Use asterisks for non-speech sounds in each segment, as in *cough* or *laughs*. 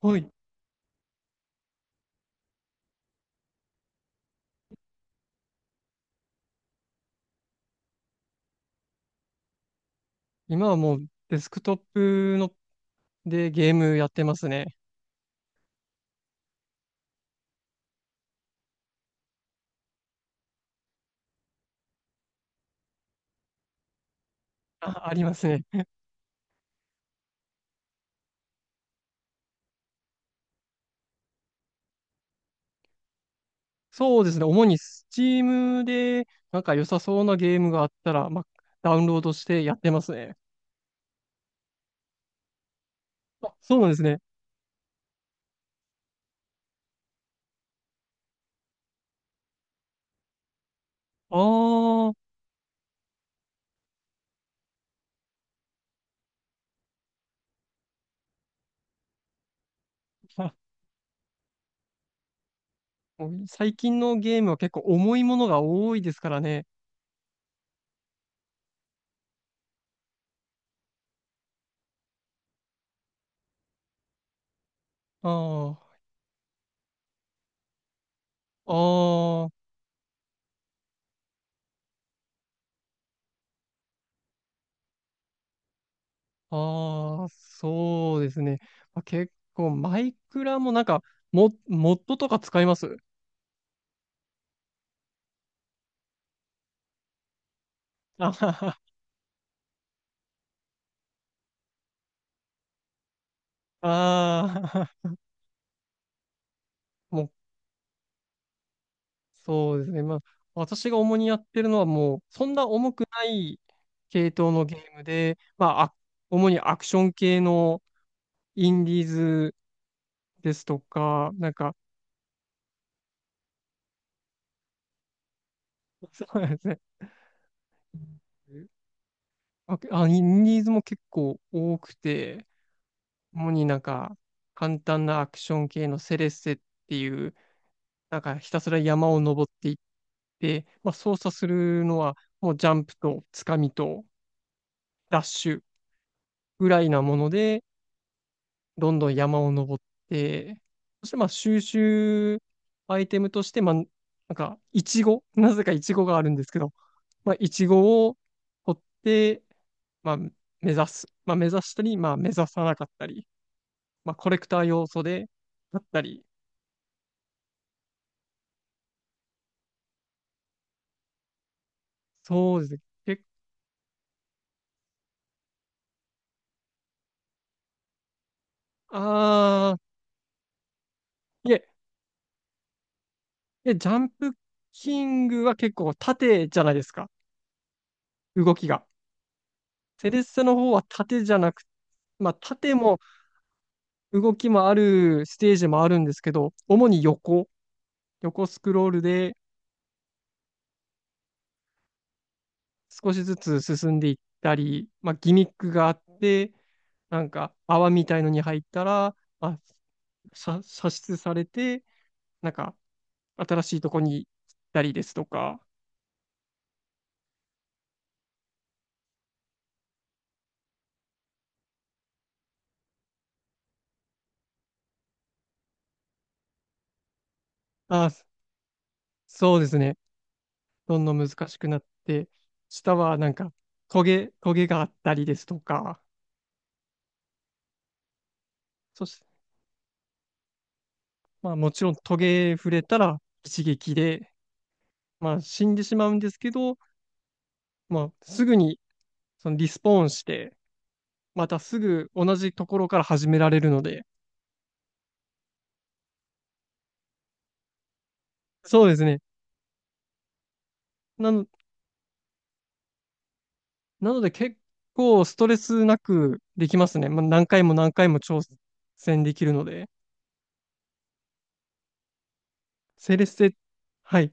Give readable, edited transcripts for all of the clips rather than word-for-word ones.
はい。今はもうデスクトップのでゲームやってますね。あ、ありますね。そうですね。主に Steam でなんか良さそうなゲームがあったら、まあ、ダウンロードしてやってますね。あ、そうなんですね。あーあ、*laughs* もう最近のゲームは結構重いものが多いですからね。ああ、ああ、ああ、そうですね。まあ、結構マイクラもなんかモッドとか使います？ *laughs* あはは、ああ、もうそうですね。まあ、私が主にやってるのはもう、そんな重くない系統のゲームで、まあ、主にアクション系のインディーズですとか、なんか、*laughs* そうですね。あ、インディーズも結構多くて、主になんか、簡単なアクション系のセレッセっていう、なんかひたすら山を登っていって、まあ、操作するのは、もうジャンプとつかみとダッシュぐらいなもので、どんどん山を登って、そしてまあ収集アイテムとして、まあ、なんか、イチゴ、なぜかイチゴがあるんですけど、まあ、イチゴを取って、まあ、目指す。まあ、目指したり、まあ、目指さなかったり、まあ、コレクター要素で、だったり、そうですね。結構、いえ、いえ、ジャンプキングは結構縦じゃないですか、動きが。セレッセの方は縦じゃなく、まあ、縦も動きもあるステージもあるんですけど、主に横スクロールで少しずつ進んでいったり、まあ、ギミックがあって、なんか泡みたいのに入ったら、まあ、射出されて、なんか新しいとこに行ったりですとか、あ、そうですね。どんどん難しくなって、下はなんかトゲがあったりですとか、そして、まあもちろんトゲ触れたら一撃で、まあ死んでしまうんですけど、まあ、すぐにそのリスポーンして、またすぐ同じところから始められるので、そうですね。なの、なので結構ストレスなくできますね。まあ、何回も何回も挑戦できるので。セレステ、はい。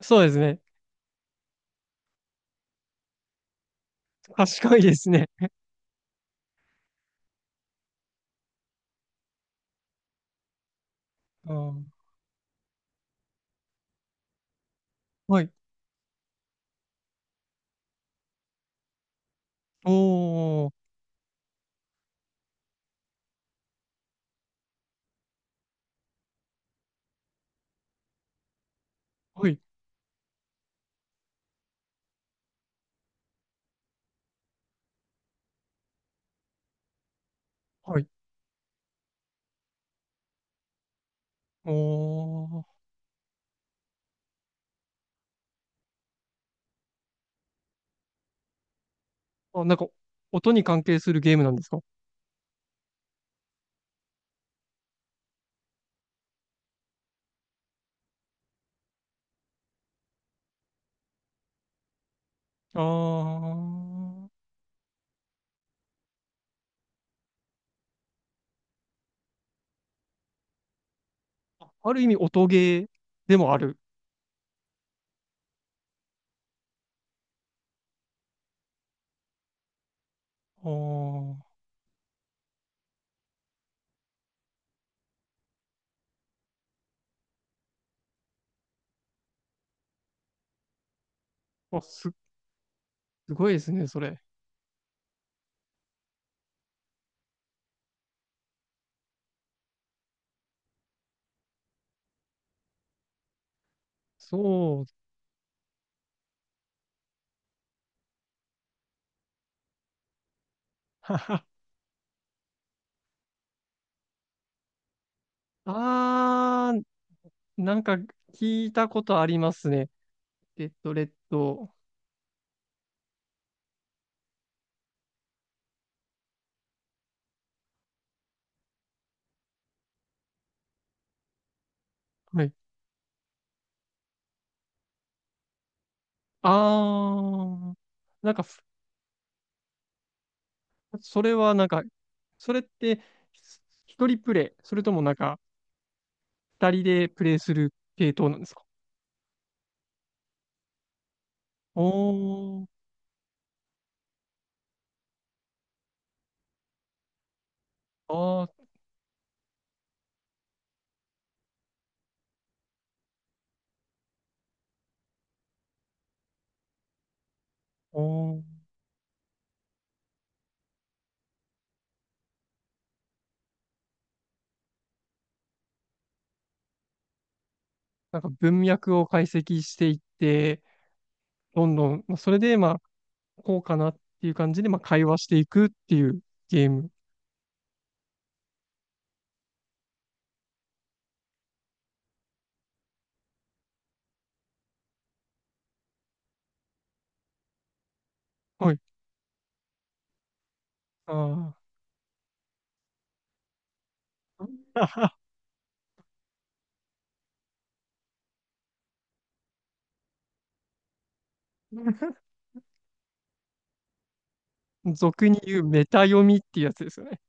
そうですね。賢いですね。あーはい。おー、はい、はい。おー。あ、なんか、音に関係するゲームなんですか？あー。ある意味音ゲーでもある。あー。あ、すごいですね、それ。そう。あー、なんか聞いたことありますね。レッド、レッド。はい。あー、なんかふ、それはなんか、それって、ひ一人プレイ、それともなんか、二人でプレイする系統なんですか？おー、あー、おー。なんか文脈を解析していって、どんどん、まあ、それで、まあ、こうかなっていう感じで、まあ、会話していくっていうゲーム。はい。あー。*laughs* *laughs* 俗に言うメタ読みっていうやつですよね。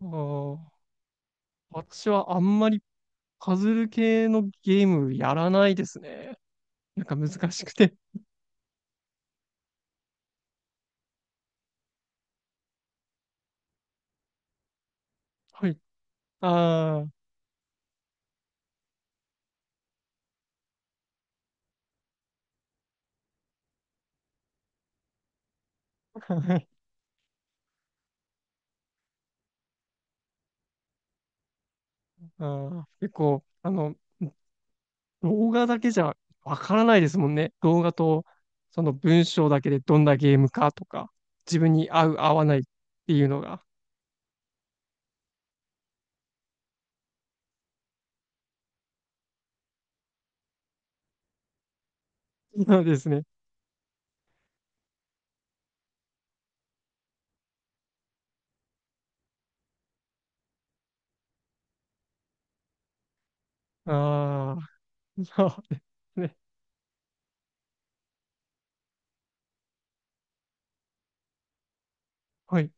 あー私はあんまりパズル系のゲームやらないですね。なんか難しくて。はい。あー *laughs* 結構、あの、動画だけじゃわからないですもんね。動画と、その文章だけでどんなゲームかとか、自分に合う、合わないっていうのが。そうですね。ああ、*laughs* そうですね。はい。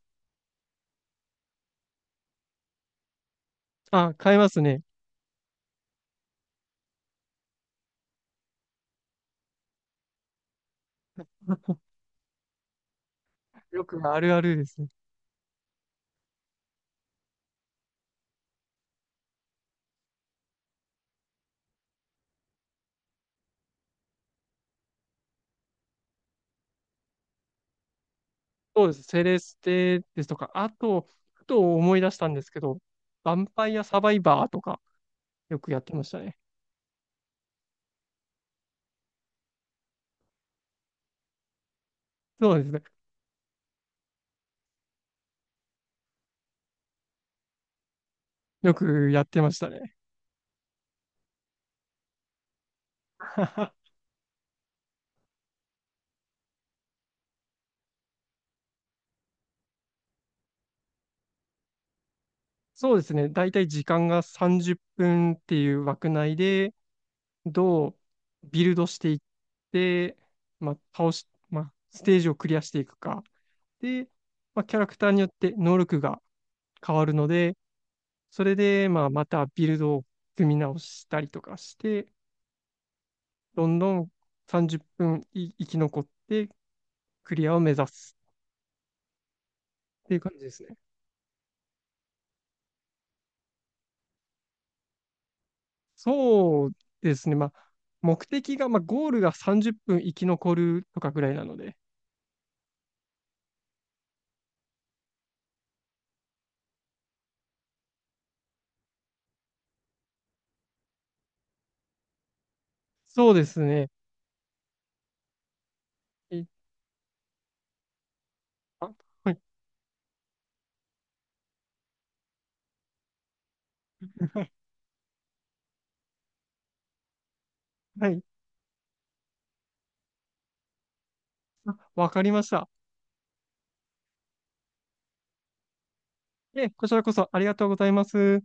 あ、変えますね。よくあるあるですね。そうです。セレステですとか、あと、ふと思い出したんですけど、ヴァンパイアサバイバーとか、よくやってましたね。そうですね。よくやってましたね。*laughs* そうですね。だいたい時間が30分っぷんっていう枠内で、どうビルドしていって、まあ、倒し、まあ、ステージをクリアしていくか。で、まあ、キャラクターによって能力が変わるので、それで、まあ、またビルドを組み直したりとかして、どんどん30分生き残ってクリアを目指すっていう感じですね。そうですね。まあ、目的が、まあ、ゴールが30分生き残るとかぐらいなので。そうですね。いあ、はい。はい。わかりました。こちらこそありがとうございます。